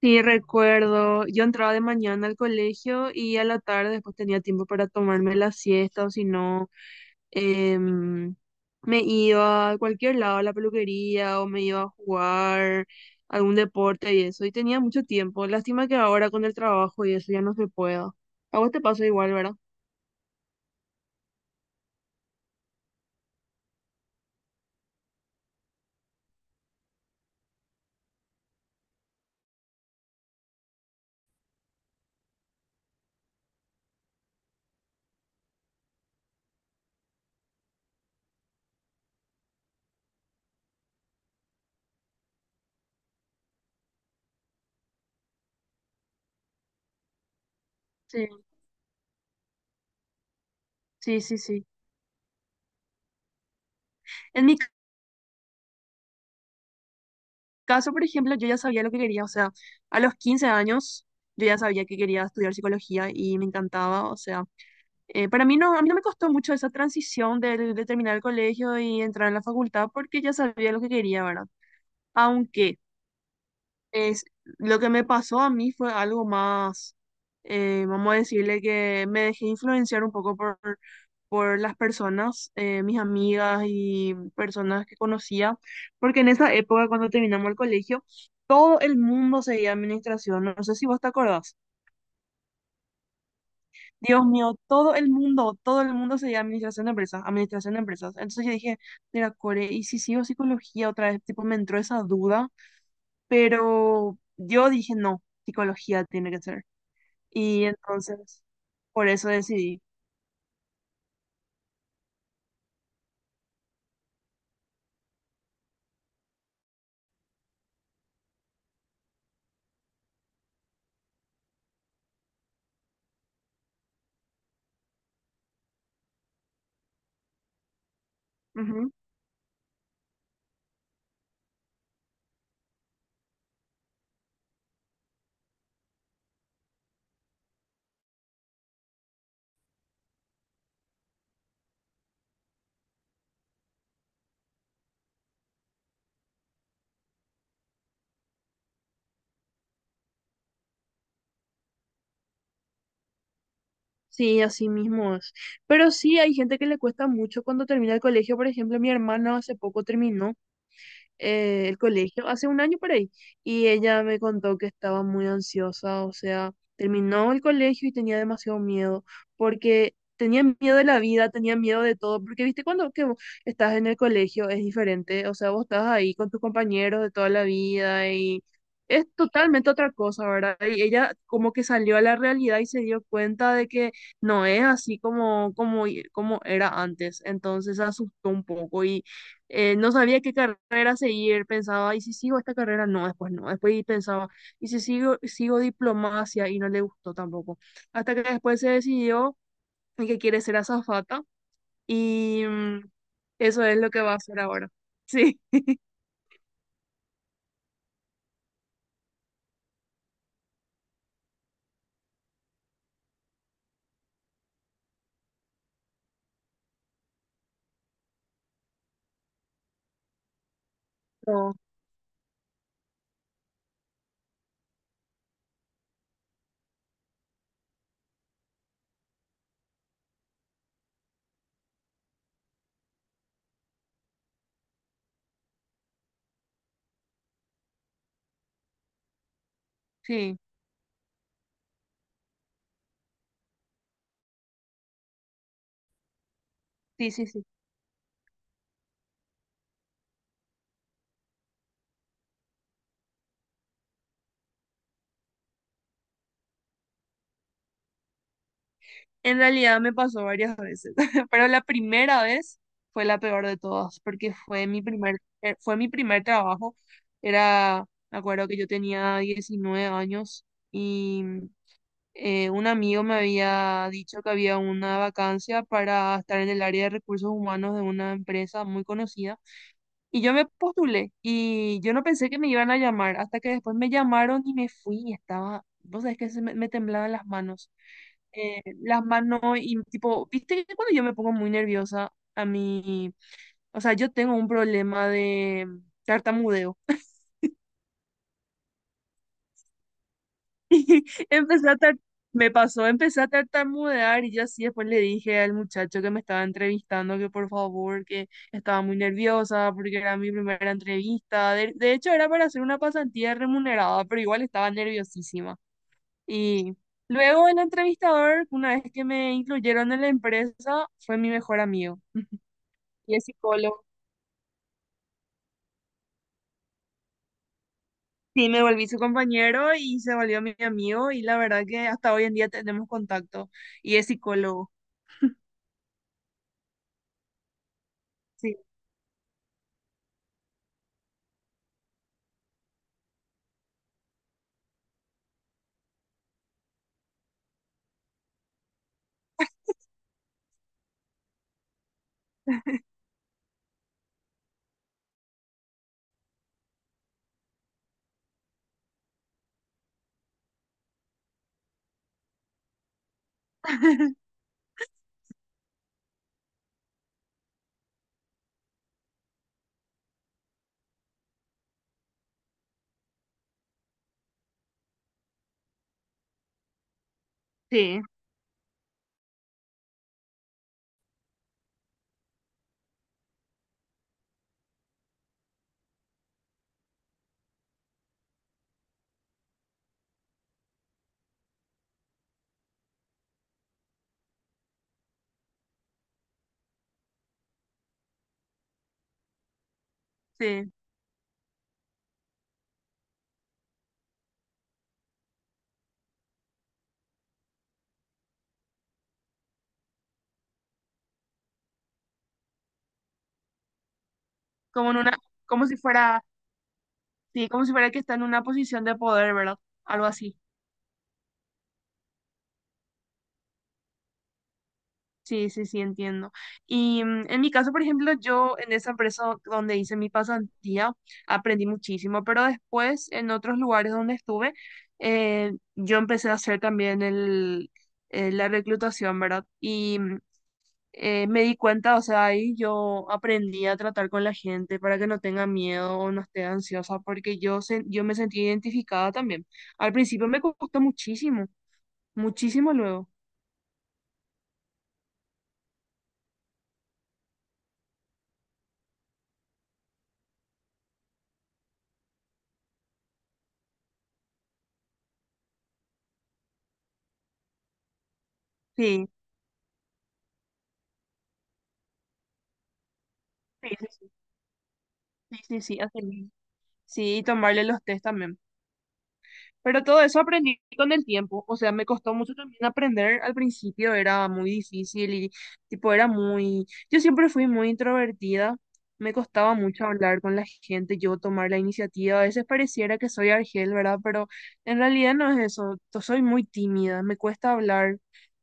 Sí, recuerdo, yo entraba de mañana al colegio y a la tarde después tenía tiempo para tomarme la siesta o si no, em, me iba a cualquier lado, a la peluquería o me iba a jugar algún deporte y eso, y tenía mucho tiempo. Lástima que ahora con el trabajo y eso ya no se pueda. A vos te pasa igual, ¿verdad? Sí, sí, sí, sí. En mi caso, por ejemplo, yo ya sabía lo que quería, o sea, a los 15 años yo ya sabía que quería estudiar psicología y me encantaba, o sea. Para mí no, a mí no me costó mucho esa transición de terminar el colegio y entrar a la facultad porque ya sabía lo que quería, ¿verdad? Aunque es, lo que me pasó a mí fue algo más, vamos a decirle que me dejé influenciar un poco por las personas, mis amigas y personas que conocía, porque en esa época cuando terminamos el colegio, todo el mundo seguía administración, no sé si vos te acordás. Dios mío, todo el mundo se llama administración de empresas, administración de empresas. Entonces yo dije, mira, Core, ¿y si sigo psicología otra vez? Tipo, me entró esa duda, pero yo dije, no, psicología tiene que ser. Y entonces, por eso decidí. Ujú. Sí, así mismo es. Pero sí, hay gente que le cuesta mucho cuando termina el colegio. Por ejemplo, mi hermana hace poco terminó el colegio hace un año por ahí y ella me contó que estaba muy ansiosa, o sea, terminó el colegio y tenía demasiado miedo porque tenía miedo de la vida, tenía miedo de todo, porque viste cuando que vos estás en el colegio es diferente, o sea, vos estás ahí con tus compañeros de toda la vida y es totalmente otra cosa, ¿verdad? Y ella como que salió a la realidad y se dio cuenta de que no es así como era antes, entonces se asustó un poco y no sabía qué carrera seguir, pensaba, ¿y si sigo esta carrera? No, después no, después y pensaba, ¿y si sigo diplomacia? Y no le gustó tampoco, hasta que después se decidió en que quiere ser azafata y mm, eso es lo que va a hacer ahora. Sí, no, sí, sí, sí, sí. En realidad me pasó varias veces, pero la primera vez fue la peor de todas, porque fue mi primer trabajo, era, me acuerdo que yo tenía 19 años. Y un amigo me había dicho que había una vacancia para estar en el área de recursos humanos de una empresa muy conocida y yo me postulé y yo no pensé que me iban a llamar hasta que después me llamaron y me fui y estaba, vos sabés que me temblaban las manos y tipo, viste que cuando yo me pongo muy nerviosa a mí, o sea, yo tengo un problema de tartamudeo. Empecé a tar- Me pasó, empecé a tartamudear y yo así después le dije al muchacho que me estaba entrevistando que por favor, que estaba muy nerviosa porque era mi primera entrevista. De hecho, era para hacer una pasantía remunerada, pero igual estaba nerviosísima. Y luego el entrevistador, una vez que me incluyeron en la empresa, fue mi mejor amigo y es psicólogo. Sí, me volví su compañero y se volvió mi amigo y la verdad que hasta hoy en día tenemos contacto y es psicólogo. Sí. Sí, sí, como en una, como si fuera, sí, como si fuera que está en una posición de poder, ¿verdad? Algo así. Sí, sí, sí, entiendo. Y mm, en mi caso, por ejemplo, yo en esa empresa donde hice mi pasantía aprendí muchísimo, pero después en otros lugares donde estuve, yo empecé a hacer también el, la reclutación, ¿verdad? Y mm, me di cuenta, o sea, ahí yo aprendí a tratar con la gente para que no tenga miedo o no esté ansiosa, porque yo me sentí identificada también. Al principio me costó muchísimo, muchísimo luego. Sí, sí, sí, sí, sí, sí, sí, así mismo. Sí, y tomarle los test también. Pero todo eso aprendí con el tiempo, o sea, me costó mucho también aprender al principio, era muy difícil y tipo era muy, yo siempre fui muy introvertida, me costaba mucho hablar con la gente, yo tomar la iniciativa, a veces pareciera que soy Argel, ¿verdad? Pero en realidad no es eso, yo soy muy tímida, me cuesta hablar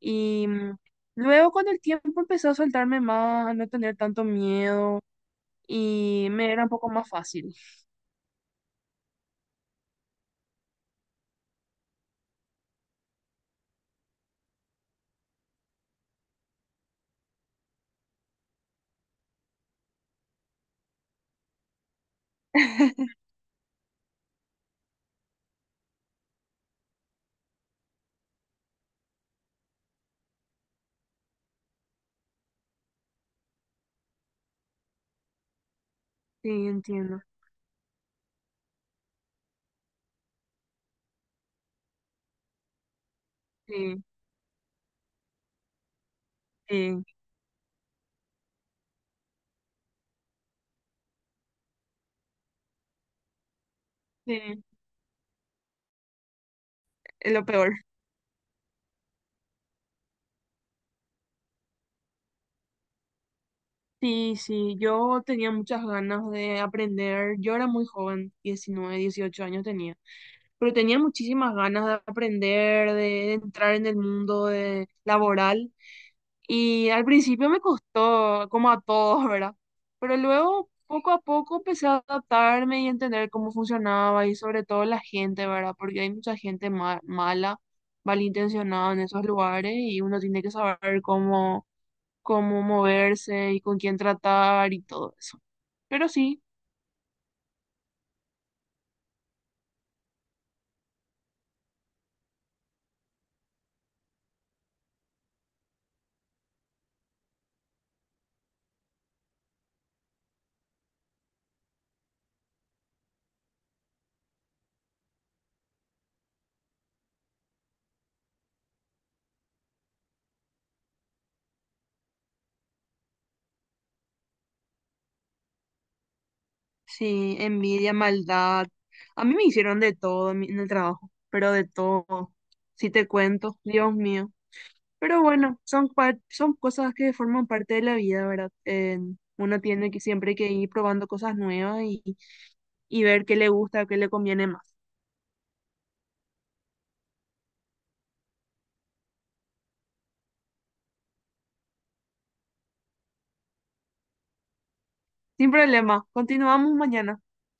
y mm, luego con el tiempo empecé a soltarme más, a no tener tanto miedo y me era un poco más fácil. Sí, entiendo, sí, sí, sí. Es lo peor. Sí, sí, yo tenía muchas ganas de aprender. Yo era muy joven, 19 18 años tenía, pero tenía muchísimas ganas de aprender, de entrar en el mundo de, laboral. Y al principio me costó, como a todos, ¿verdad? Pero luego, poco a poco, empecé a adaptarme y entender cómo funcionaba y sobre todo la gente, ¿verdad? Porque hay mucha gente mala, malintencionada en esos lugares y uno tiene que saber cómo cómo moverse y con quién tratar y todo eso. Pero sí, sí, envidia, maldad. A mí me hicieron de todo en en el trabajo, pero de todo. Si te cuento, Dios mío. Pero bueno, son cosas que forman parte de la vida, ¿verdad? Uno tiene que siempre que ir probando cosas nuevas y ver qué le gusta, qué le conviene más. Sin problema, continuamos mañana.